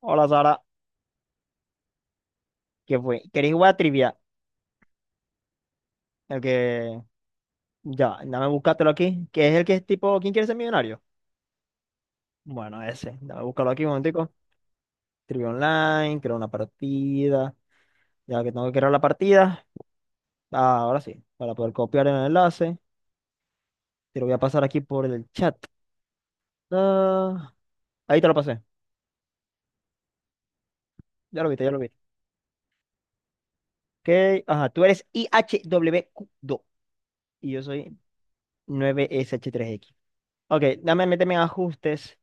Hola, Sara, ¿qué fue? ¿Queréis jugar a trivia? El que. Ya, dame, búscatelo aquí. ¿Qué es el que es tipo "¿Quién quiere ser millonario?"? Bueno, ese. Dame, búscalo aquí un momentico. Trivia online, crear una partida. Ya que tengo que crear la partida. Ah, ahora sí. Para poder copiar el enlace. Te lo voy a pasar aquí por el chat. Ah, ahí te lo pasé. Ya lo viste, ya lo viste. Ok. Ajá, tú eres i h ihwq dos y yo soy 9SH3X. Ok, dame, méteme en ajustes.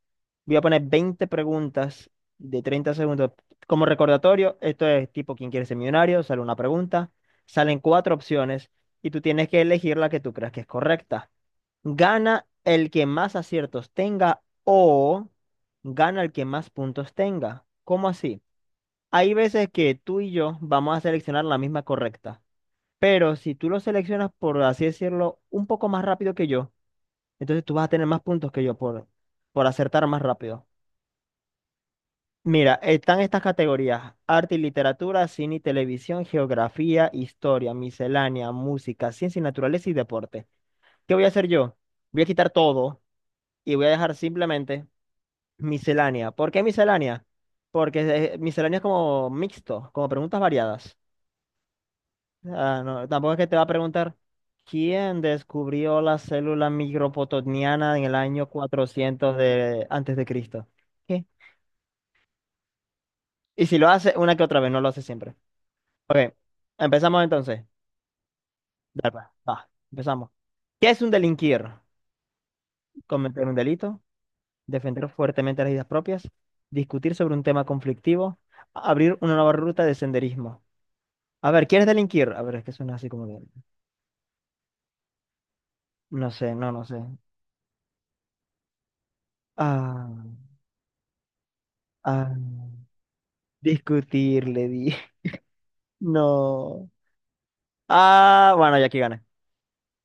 Voy a poner 20 preguntas de 30 segundos. Como recordatorio, esto es tipo "¿Quién quiere ser millonario?". Sale una pregunta, salen cuatro opciones y tú tienes que elegir la que tú creas que es correcta. Gana el que más aciertos tenga o gana el que más puntos tenga. ¿Cómo así? Hay veces que tú y yo vamos a seleccionar la misma correcta, pero si tú lo seleccionas, por así decirlo, un poco más rápido que yo, entonces tú vas a tener más puntos que yo por acertar más rápido. Mira, están estas categorías: arte y literatura, cine y televisión, geografía, historia, miscelánea, música, ciencia y naturaleza y deporte. ¿Qué voy a hacer yo? Voy a quitar todo y voy a dejar simplemente miscelánea. ¿Por qué miscelánea? Porque miscelánea es como mixto, como preguntas variadas. Ah, no, tampoco es que te va a preguntar quién descubrió la célula micropotoniana en el año 400 de, antes de Cristo. ¿Qué? Y si lo hace una que otra vez, no lo hace siempre. Ok, empezamos entonces. Dale, pues, va, empezamos. ¿Qué es un delinquir? Cometer un delito, defender fuertemente las ideas propias, discutir sobre un tema conflictivo, abrir una nueva ruta de senderismo. A ver, ¿quieres delinquir? A ver, es que suena así como que... No sé, no, no sé. Ah, ah. Discutir, le di. No. Ah, bueno, ya aquí gana.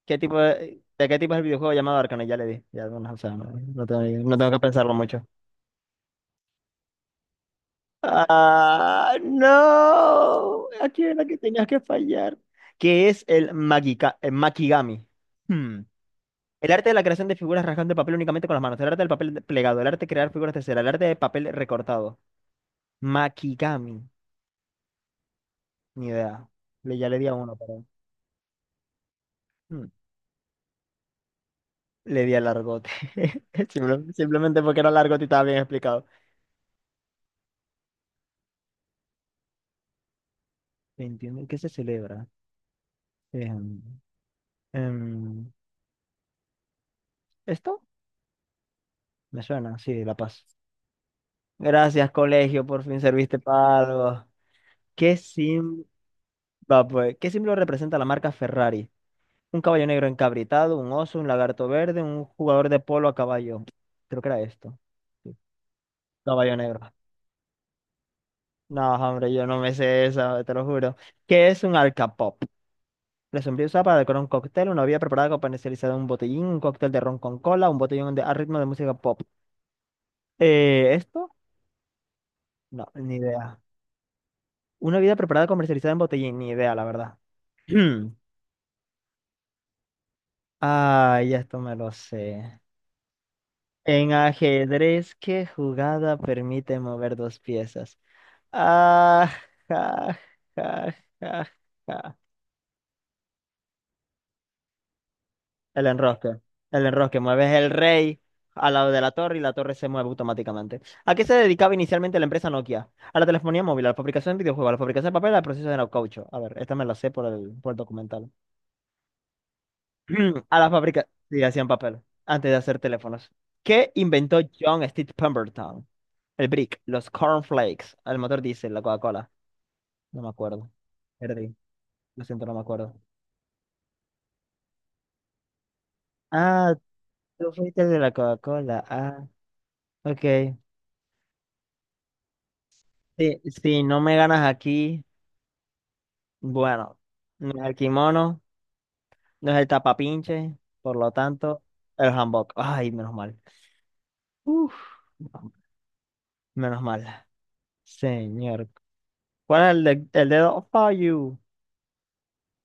¿Qué tipo de qué tipo es el videojuego llamado Arcane? Ya le di. Ya, no, o sea, no, no tengo, no tengo que pensarlo mucho. Ah, no. Aquí era que tenías que fallar. ¿Qué es el, el Makigami? Hmm. El arte de la creación de figuras rasgando el papel únicamente con las manos. El arte del papel plegado. El arte de crear figuras de cera. El arte de papel recortado. Makigami. Ni idea. Le, ya le di a uno, pero. Hmm. Le di al largote. Simplemente porque era largote y estaba bien explicado. ¿Entienden qué se celebra? Em, em, ¿Esto? Me suena, sí, La Paz. Gracias, colegio, por fin serviste para algo. ¿Qué sim- Va, pues, ¿qué símbolo representa la marca Ferrari? Un caballo negro encabritado, un oso, un lagarto verde, un jugador de polo a caballo. Creo que era esto. Sí, caballo negro. No, hombre, yo no me sé esa, te lo juro. ¿Qué es un alcapop? La sombrilla usada para decorar un cóctel, una bebida preparada con comercializada en un botellín, un cóctel de ron con cola, un botellín de, a ritmo de música pop. ¿Esto? No, ni idea. Una bebida preparada comercializada en botellín, ni idea, la verdad. Ah, ya esto me lo sé. En ajedrez, ¿qué jugada permite mover dos piezas? Ah, ja, ja, ja, ja. El enrosque. El enrosque. Mueves el rey al lado de la torre y la torre se mueve automáticamente. ¿A qué se dedicaba inicialmente la empresa Nokia? A la telefonía móvil, a la fabricación de videojuegos, a la fabricación de papel, al proceso de caucho. A ver, esta me la sé por el documental. A la fábrica. Sí, hacían papel antes de hacer teléfonos. ¿Qué inventó John Steve Pemberton? El brick, los cornflakes, el motor diésel, la Coca-Cola. No me acuerdo. Perdí. Lo siento, no me acuerdo. Ah, tú fuiste el de la Coca-Cola. Ah, ok. Sí, si no me ganas aquí. Bueno, no es el kimono, no es el tapapinche, por lo tanto, el hanbok. Ay, menos mal. Uf, menos mal. Señor. ¿Cuál es el dedo? For you,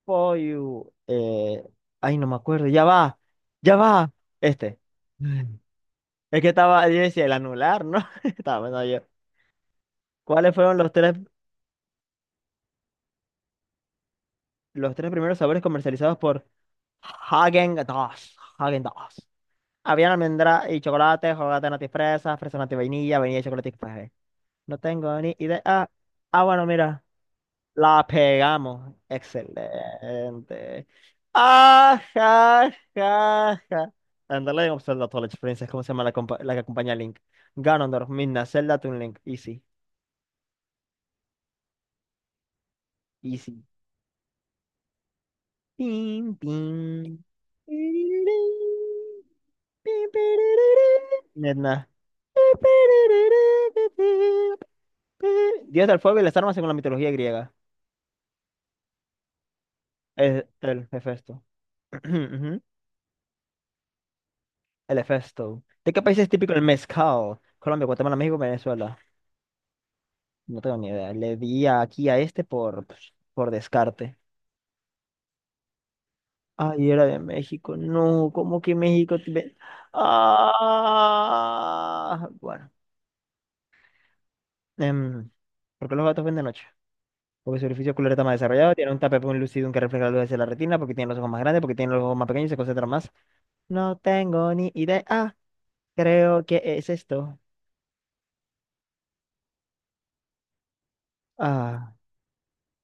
for you. Ay, no me acuerdo. Ya va, ya va. Este. Mm. Es que estaba, yo decía, el anular, ¿no? Estaba pensando yo. ¿Cuáles fueron los tres primeros sabores comercializados por Häagen-Dazs? Häagen-Dazs. Habían almendra y chocolate, chocolate natis fresa, fresa natis vainilla, vainilla y chocolate café. No tengo ni idea. Ah, ah, bueno, mira, la pegamos. Excelente. Ah, ja, ja, ja. Andale, en Zelda Twilight Princess, ¿cómo se llama la, la que acompaña a Link? Ganondorf, Midna, Zelda, Toon Link. Easy, easy. Pim, pim. Pirirín, pim, pirirín. Midna. Dios del fuego y las armas según la mitología griega. El Hefesto. Ujú, el Hefesto. ¿De qué país es típico el mezcal? Colombia, Guatemala, México, Venezuela. No tengo ni idea. Le di aquí a este por, pues, por descarte. Ay, era de México. No, ¿cómo que México? Tiene... Ah, bueno. Em, ¿Por qué los gatos ven de noche? Porque su orificio ocular está más desarrollado, tiene un tapetón lucidum que refleja la luz hacia la retina, porque tiene los ojos más grandes, porque tiene los ojos más pequeños y se concentra más. No tengo ni idea. Creo que es esto. Ah,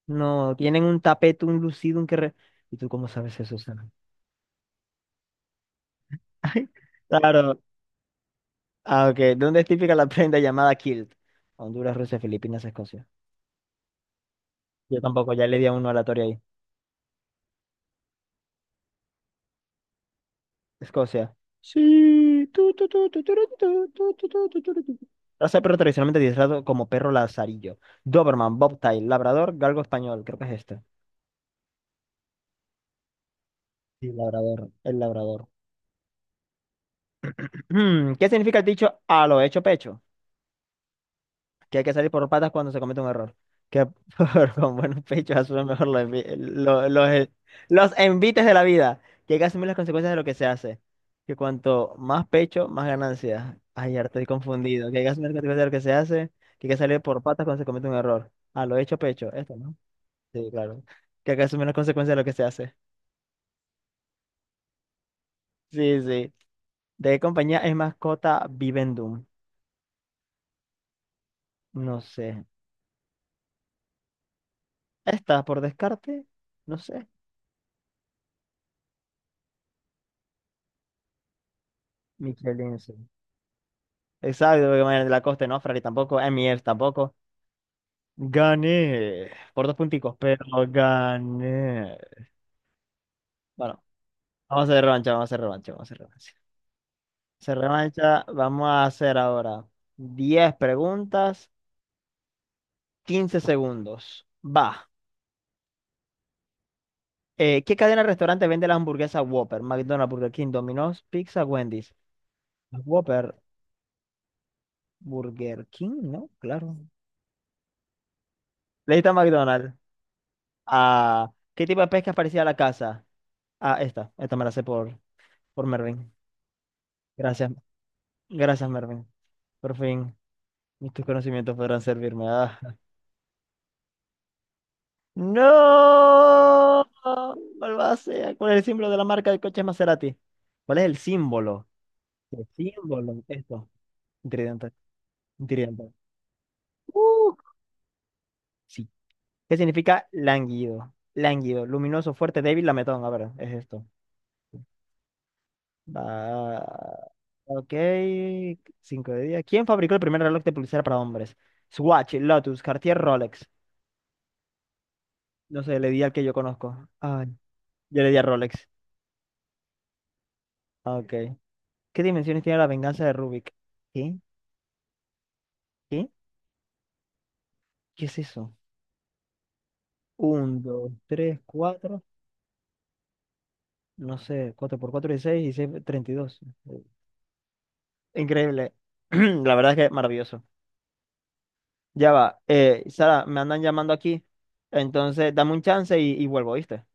no, tienen un tapete, un lucido, un que... re-. ¿Y tú cómo sabes eso, Sam? Claro. Ah, ok. ¿Dónde es típica la prenda llamada kilt? Honduras, Rusia, Filipinas, Escocia. Yo tampoco, ya le di a uno aleatorio ahí. Escocia. Sí. Tu, tu, tu, tu, tu, tu, tu, tu, tu, tu, tu, tu, tu. Raza de perro tradicionalmente adiestrado como perro lazarillo. Doberman, Bobtail, Labrador, Galgo español. Creo que es este. Sí, Labrador. El Labrador. ¿Qué significa el dicho "a lo hecho, pecho"? Que hay que salir por patas cuando se comete un error. Que con buenos pechos asume mejor los, los envites de la vida. Que hay que asumir las consecuencias de lo que se hace. Que cuanto más pecho, más ganancias. Ay, ya estoy confundido. Que hay que asumir las consecuencias de lo que se hace. Que hay que salir por patas cuando se comete un error. Ah, lo hecho, pecho. Esto, ¿no? Sí, claro. Que hay que asumir las consecuencias de lo que se hace. Sí, sí. ¿De qué compañía es mascota Vivendum? No sé. Esta, por descarte, no sé. Michelin. Sí. Exacto, porque Manuel Lacoste no, Ferrari tampoco, Emier tampoco. Gané por dos punticos, pero gané. Bueno, vamos a hacer revancha, vamos a hacer revancha, vamos a hacer revancha. Se revancha, vamos a hacer ahora 10 preguntas, 15 segundos. Va. ¿Qué cadena de restaurante vende las hamburguesas Whopper? McDonald's, Burger King, Domino's, Pizza, Wendy's. Whopper, Burger King, ¿no? Claro. Le a McDonald's. Ah, ¿qué tipo de pesca parecía a la casa? Ah, esta me la sé por Mervin. Gracias, gracias, Mervin. Por fin, mis tus conocimientos podrán servirme. Ah. ¡No! Malvasea, con el símbolo de la marca de coches Maserati. ¿Cuál es el símbolo? El símbolo, esto. Tridente, tridente. Uh, sí. ¿Qué significa lánguido? Lánguido, luminoso, fuerte, débil, lametón. A ver, es esto. Va, ok, 5 de día. ¿Quién fabricó el primer reloj de pulsera para hombres? Swatch, Lotus, Cartier, Rolex. No sé, le di al que yo conozco. Ay, yo le di a Rolex. Ah, ok. ¿Qué dimensiones tiene la venganza de Rubik? ¿Qué? ¿Qué? ¿Qué es eso? Uno, dos, tres, cuatro. No sé, cuatro por cuatro, 16, 16, 32. Increíble. La verdad es que maravilloso. Ya va. Sara, me andan llamando aquí. Entonces, dame un chance y vuelvo, ¿viste?